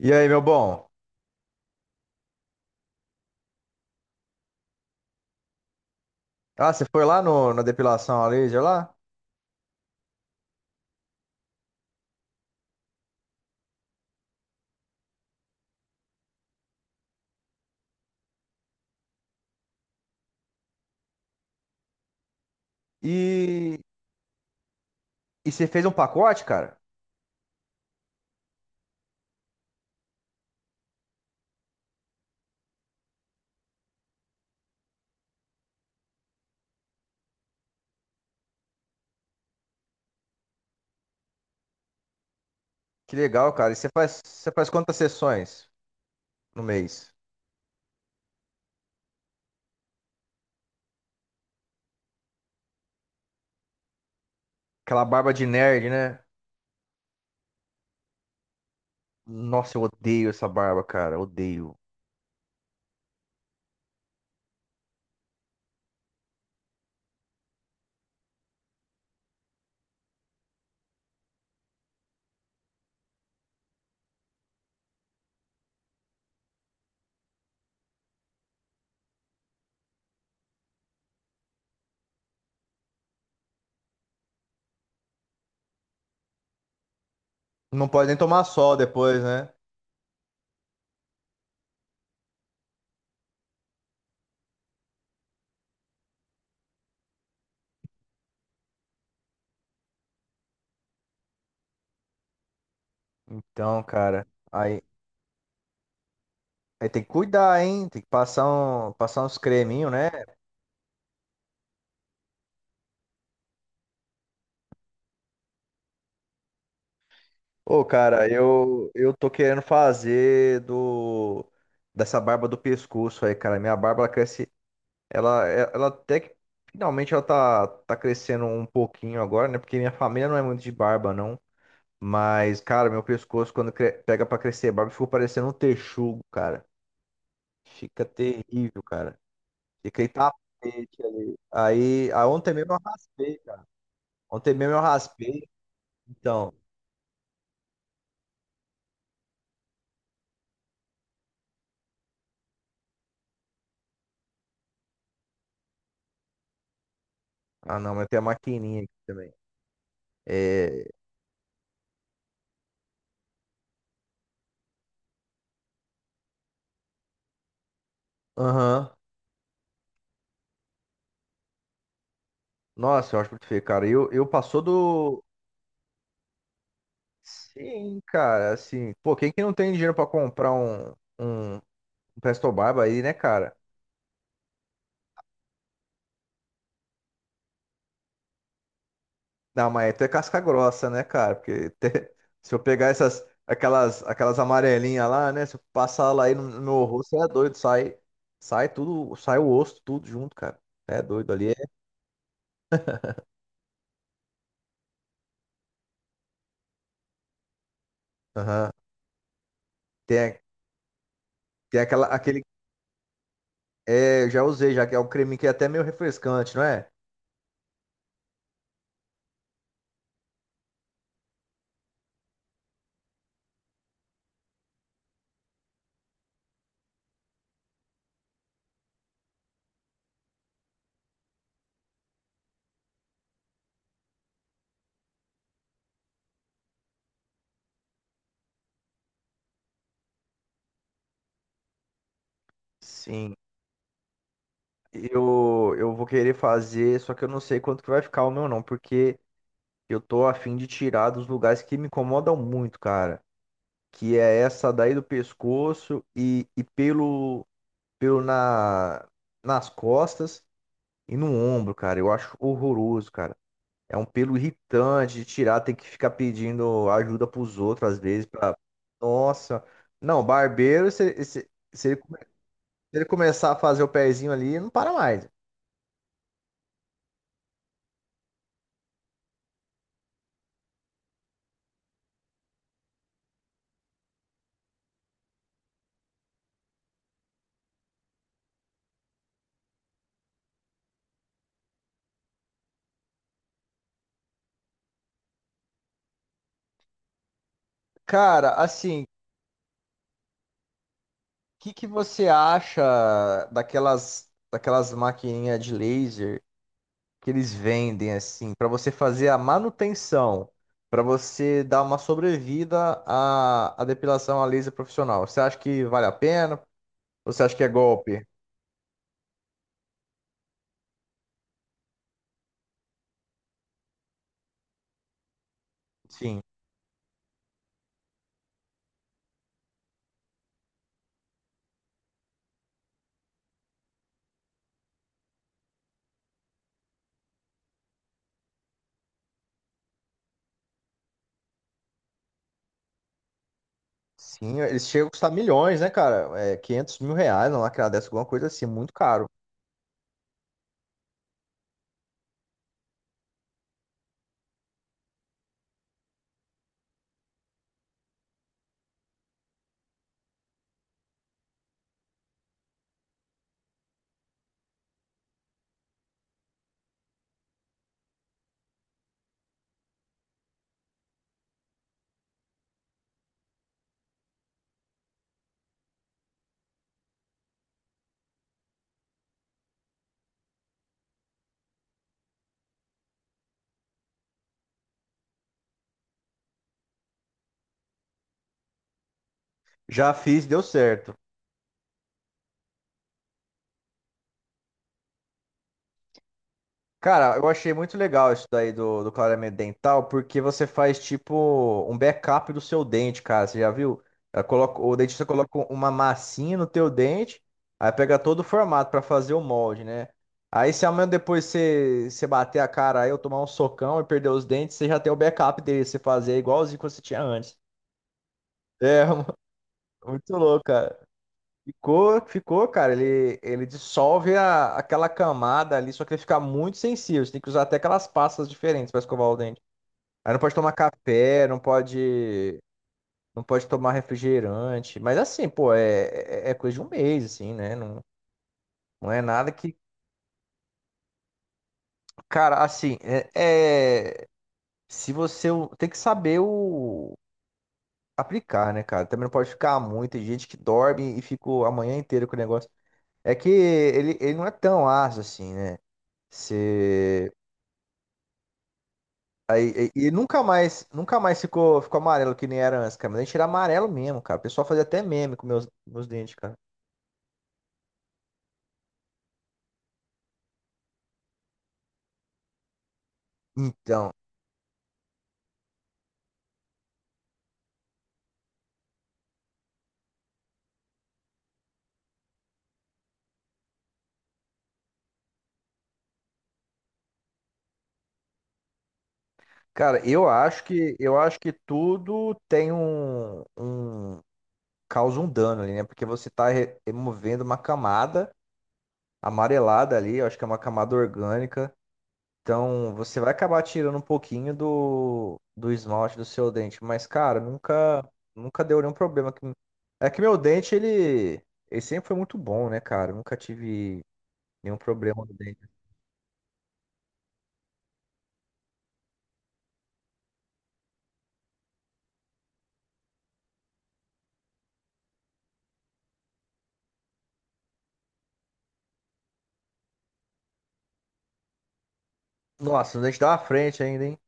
E aí, meu bom? Ah, você foi lá no, na depilação a laser lá? E, e você fez um pacote, cara? Que legal, cara. E você faz quantas sessões no mês? Aquela barba de nerd, né? Nossa, eu odeio essa barba, cara. Odeio. Não pode nem tomar sol depois, né? Então, cara, aí, aí tem que cuidar, hein? Tem que passar, passar uns creminhos, né? Ô, cara, eu tô querendo fazer do dessa barba do pescoço aí, cara. Minha barba ela cresce. Ela até que finalmente ela tá crescendo um pouquinho agora, né? Porque minha família não é muito de barba, não. Mas, cara, meu pescoço, quando pega pra crescer barba, ficou parecendo um texugo, cara. Fica terrível, cara. Fica aí tapete ali. Ontem mesmo eu raspei, cara. Ontem mesmo eu raspei. Então, ah, não, mas tem a maquininha aqui também. É, aham. Nossa, eu acho muito feio, cara. Eu passou do. Sim, cara, assim. Pô, quem que não tem dinheiro pra comprar um um Presto Barba aí, né, cara? Não, mas tu é casca grossa, né, cara? Se eu pegar aquelas amarelinhas lá, né? Se eu passar lá aí no meu rosto, você é doido, sai, sai tudo, sai o osso, tudo junto, cara. É doido ali. É... Aham. Tem, a- tem aquela, aquele, é, eu já usei, já que é um creme que é até meio refrescante, não é? Sim. Eu vou querer fazer, só que eu não sei quanto que vai ficar o meu não, porque eu tô afim de tirar dos lugares que me incomodam muito, cara. Que é essa daí do pescoço e pelo nas costas e no ombro, cara. Eu acho horroroso, cara. É um pelo irritante de tirar, tem que ficar pedindo ajuda pros outros às vezes. Pra... Nossa, não, barbeiro, se ele começar a fazer o pezinho ali, não para mais. Cara, assim, o que você acha daquelas maquininhas de laser? Que eles vendem assim para você fazer a manutenção, para você dar uma sobrevida à depilação a laser profissional. Você acha que vale a pena? Ou você acha que é golpe? Sim. Sim, eles chegam a custar milhões, né, cara? É, 500 mil reais, uma máquina dessa, alguma coisa assim, muito caro. Já fiz, deu certo. Cara, eu achei muito legal isso daí do clareamento dental, porque você faz tipo um backup do seu dente, cara. Você já viu? O dentista coloca uma massinha no teu dente, aí pega todo o formato pra fazer o molde, né? Aí se amanhã depois você bater a cara aí, eu tomar um socão e perder os dentes, você já tem o backup dele, você fazer igualzinho que você tinha antes. É, muito louco, cara. Ficou, ficou, cara. Ele dissolve aquela camada ali, só que ele fica muito sensível. Você tem que usar até aquelas pastas diferentes para escovar o dente. Aí não pode tomar café, não pode, não pode tomar refrigerante. Mas assim, pô, é, é coisa de um mês, assim, né? Não, não é nada que. Cara, assim, é, é- se você o- tem que saber o aplicar, né, cara? Também não pode ficar muito. Tem gente que dorme e fica a manhã inteira com o negócio. É que ele não é tão ácido assim, né? Se... Aí, e nunca mais ficou amarelo que nem era antes, cara. Mas a gente era amarelo mesmo, cara. O pessoal fazia até meme com meus dentes, cara. Então, cara, eu acho que tudo tem causa um dano ali, né? Porque você tá removendo uma camada amarelada ali, eu acho que é uma camada orgânica. Então, você vai acabar tirando um pouquinho do esmalte do seu dente, mas, cara, nunca, nunca deu nenhum problema. É que meu dente, ele sempre foi muito bom, né, cara? Eu nunca tive nenhum problema no dente. Nossa, o dente dá uma frente ainda, hein?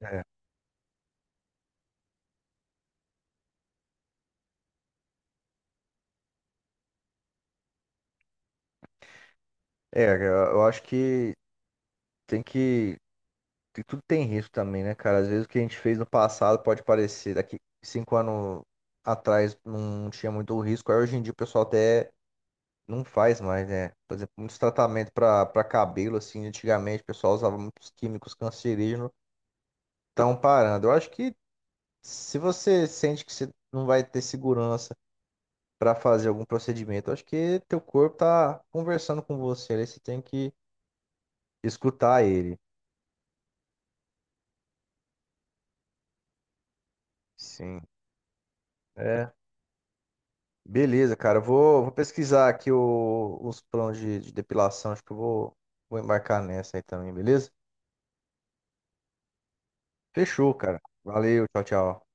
É, é, eu acho que tem que. Que tudo tem risco também, né, cara? Às vezes o que a gente fez no passado pode parecer daqui 5 anos atrás não tinha muito risco, aí hoje em dia o pessoal até. Não faz mais, né? Por exemplo, muitos tratamentos para cabelo, assim, antigamente o pessoal usava muitos químicos cancerígenos, estão parando. Eu acho que se você sente que você não vai ter segurança para fazer algum procedimento, eu acho que teu corpo tá conversando com você, aí você tem que escutar ele. Sim. É. Beleza, cara. Eu vou, vou pesquisar aqui o, os planos de depilação. Acho que eu vou, vou embarcar nessa aí também, beleza? Fechou, cara. Valeu, tchau, tchau.